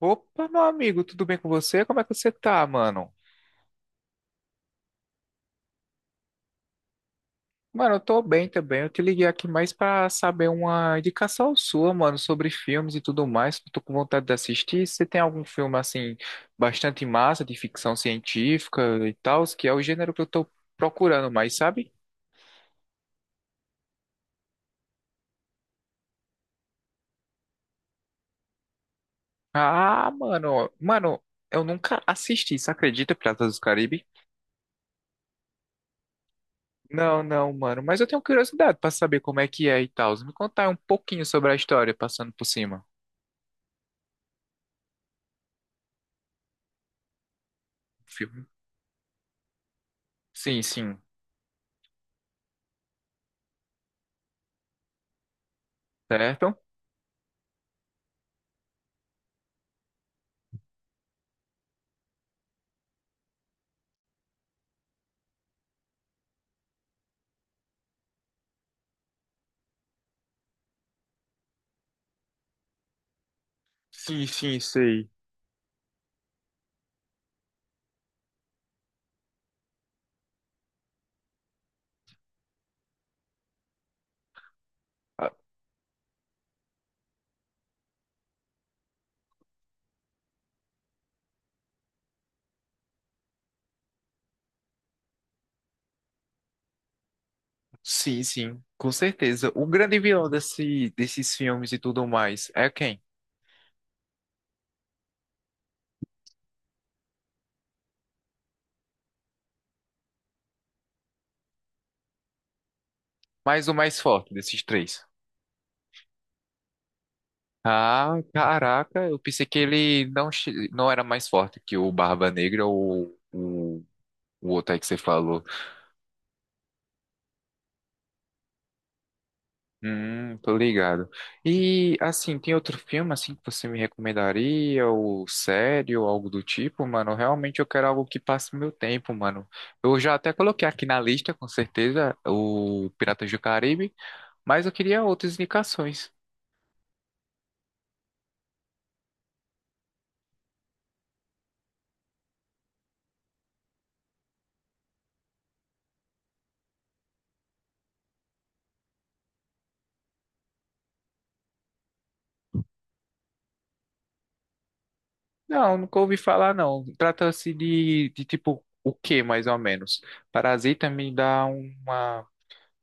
Opa, meu amigo, tudo bem com você? Como é que você tá, mano? Mano, eu tô bem também. Eu te liguei aqui mais pra saber uma indicação sua, mano, sobre filmes e tudo mais. Que Eu tô com vontade de assistir. Você tem algum filme, assim, bastante massa, de ficção científica e tal, que é o gênero que eu tô procurando mais, sabe? Ah, mano, eu nunca assisti, você acredita, Piratas dos Caribe? Não, não, mano, mas eu tenho curiosidade pra saber como é que é e tal. Me contar um pouquinho sobre a história, passando por cima. Sim, sim, certo? Sim, sim, sei. Ah, sim, sim, com certeza. O grande vilão desses filmes e tudo mais é quem? Mas o mais forte desses três. Ah, caraca, eu pensei que ele não era mais forte que o Barba Negra ou o outro aí que você falou. Tô ligado. E assim, tem outro filme assim que você me recomendaria, ou série, ou algo do tipo, mano? Realmente eu quero algo que passe meu tempo, mano. Eu já até coloquei aqui na lista, com certeza, o Piratas do Caribe, mas eu queria outras indicações. Não, nunca ouvi falar, não. Trata-se de tipo o que mais ou menos? Parasita me dá uma,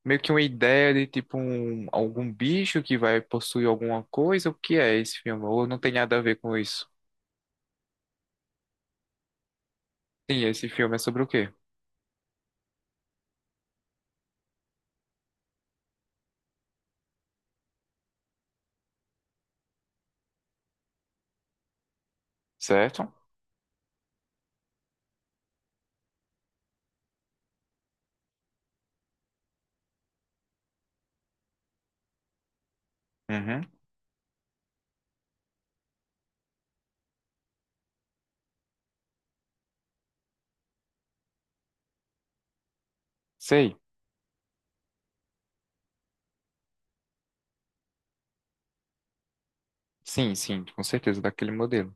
meio que uma ideia de tipo um, algum bicho que vai possuir alguma coisa? O que é esse filme? Ou não tem nada a ver com isso? Sim, esse filme é sobre o quê? Certo? Uhum. Sei. Sim, sim, com certeza, daquele modelo.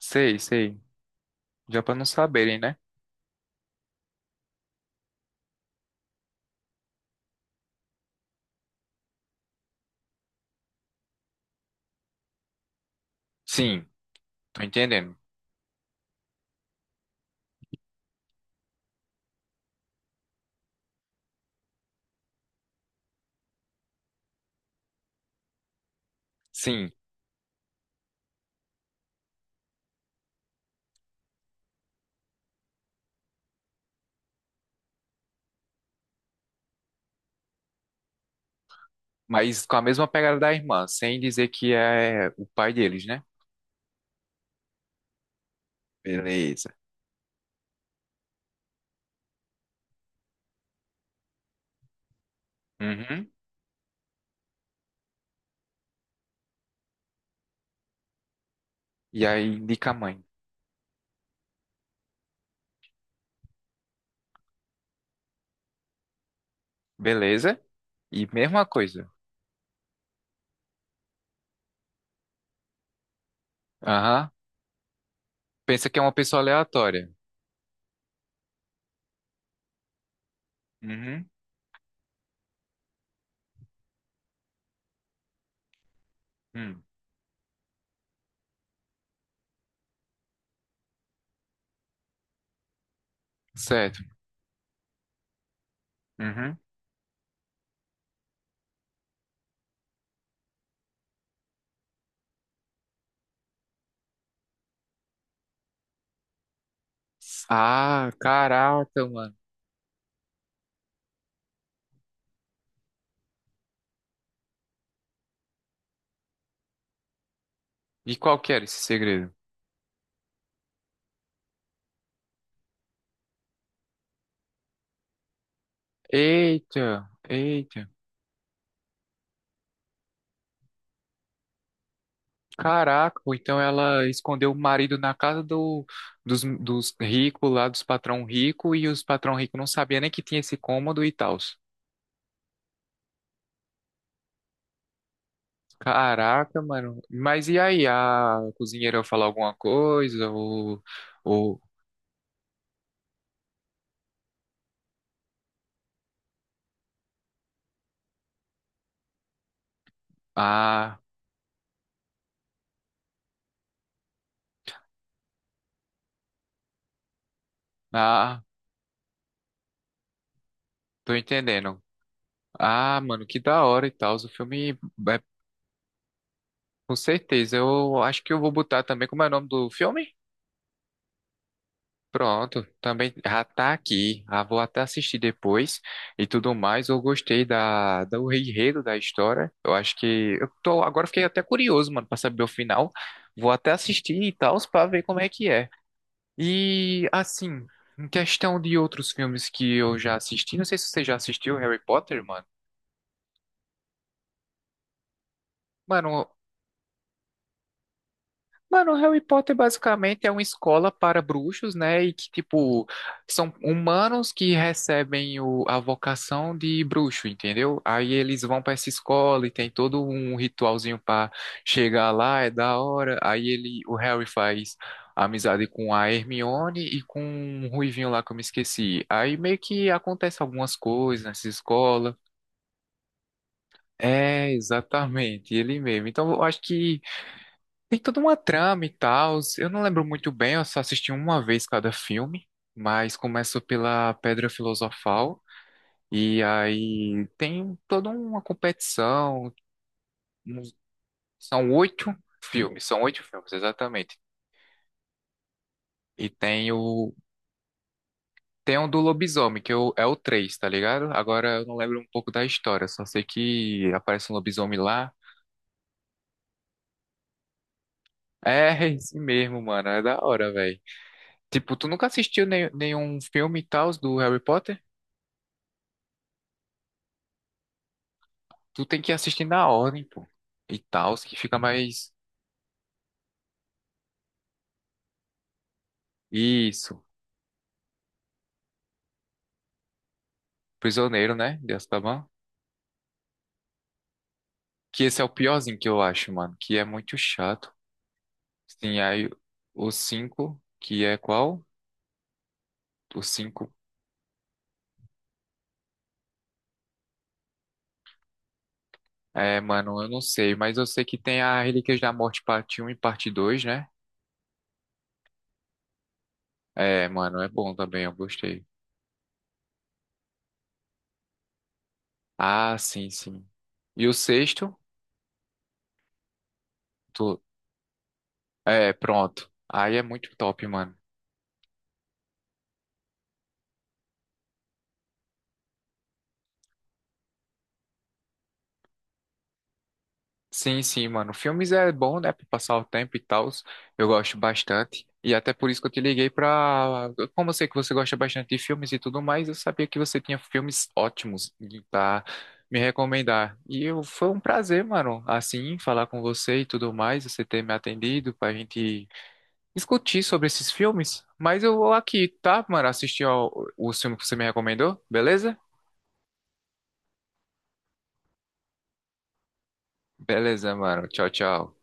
Sei, sei. Já pra não saberem, né? Sim, tô entendendo. Sim, mas com a mesma pegada da irmã, sem dizer que é o pai deles, né? Beleza. Uhum. E aí indica a mãe. Beleza? E mesma coisa. Aham. Pensa que é uma pessoa aleatória. Uhum. Hum. Certo. Uhum. Ah, caraca, mano. E qual que era esse segredo? Eita, eita. Caraca, ou então ela escondeu o marido na casa dos ricos lá, dos patrão rico, e os patrão rico não sabia nem que tinha esse cômodo e tal. Caraca, mano. Mas e aí, a cozinheira falou alguma coisa? Ou, ah, ah, tô entendendo. Ah, mano, que da hora e tal. O filme é com certeza. Eu acho que eu vou botar também. Como é o nome do filme? Pronto, também já tá aqui. Ah, vou até assistir depois e tudo mais. Eu gostei do enredo da história. Eu acho que eu tô, agora fiquei até curioso, mano, pra saber o final. Vou até assistir e tal, pra ver como é que é. E, assim, em questão de outros filmes que eu já assisti, não sei se você já assistiu Harry Potter, mano. Mano, Mano, Harry Potter basicamente é uma escola para bruxos, né? E que, tipo, são humanos que recebem a vocação de bruxo, entendeu? Aí eles vão para essa escola e tem todo um ritualzinho para chegar lá, é da hora. Aí ele, o Harry faz amizade com a Hermione e com um ruivinho lá que eu me esqueci. Aí meio que acontece algumas coisas nessa escola. É, exatamente, ele mesmo. Então, eu acho que tem toda uma trama e tal. Eu não lembro muito bem, eu só assisti uma vez cada filme, mas começa pela Pedra Filosofal, e aí tem toda uma competição. um- São oito são oito filmes, exatamente. E tem o. Tem um do lobisomem, que é o 3, tá ligado? Agora eu não lembro um pouco da história, só sei que aparece um lobisomem lá. É, esse mesmo, mano, é da hora, velho. Tipo, tu nunca assistiu nenhum filme e tal do Harry Potter? Tu tem que assistir na ordem, pô. E tal, que fica mais. Isso. Prisioneiro, né? De Azkaban. Que esse é o piorzinho que eu acho, mano. Que é muito chato. Sim, aí o 5 que é qual? O 5, é, mano, eu não sei, mas eu sei que tem a Relíquias da Morte parte um e parte 2, né? É, mano, é bom também, eu gostei. Ah, sim, sim. E o sexto? Tu... É, pronto. Aí é muito top, mano. Sim, sim, mano. Filmes é bom, né, pra passar o tempo e tal. Eu gosto bastante. E até por isso que eu te liguei pra. Como eu sei que você gosta bastante de filmes e tudo mais, eu sabia que você tinha filmes ótimos e pra me recomendar. E eu... foi um prazer, mano, assim, falar com você e tudo mais, você ter me atendido pra gente discutir sobre esses filmes. Mas eu vou aqui, tá, mano? Assistir ao... o filme que você me recomendou, beleza? Beleza, mano. Tchau, tchau.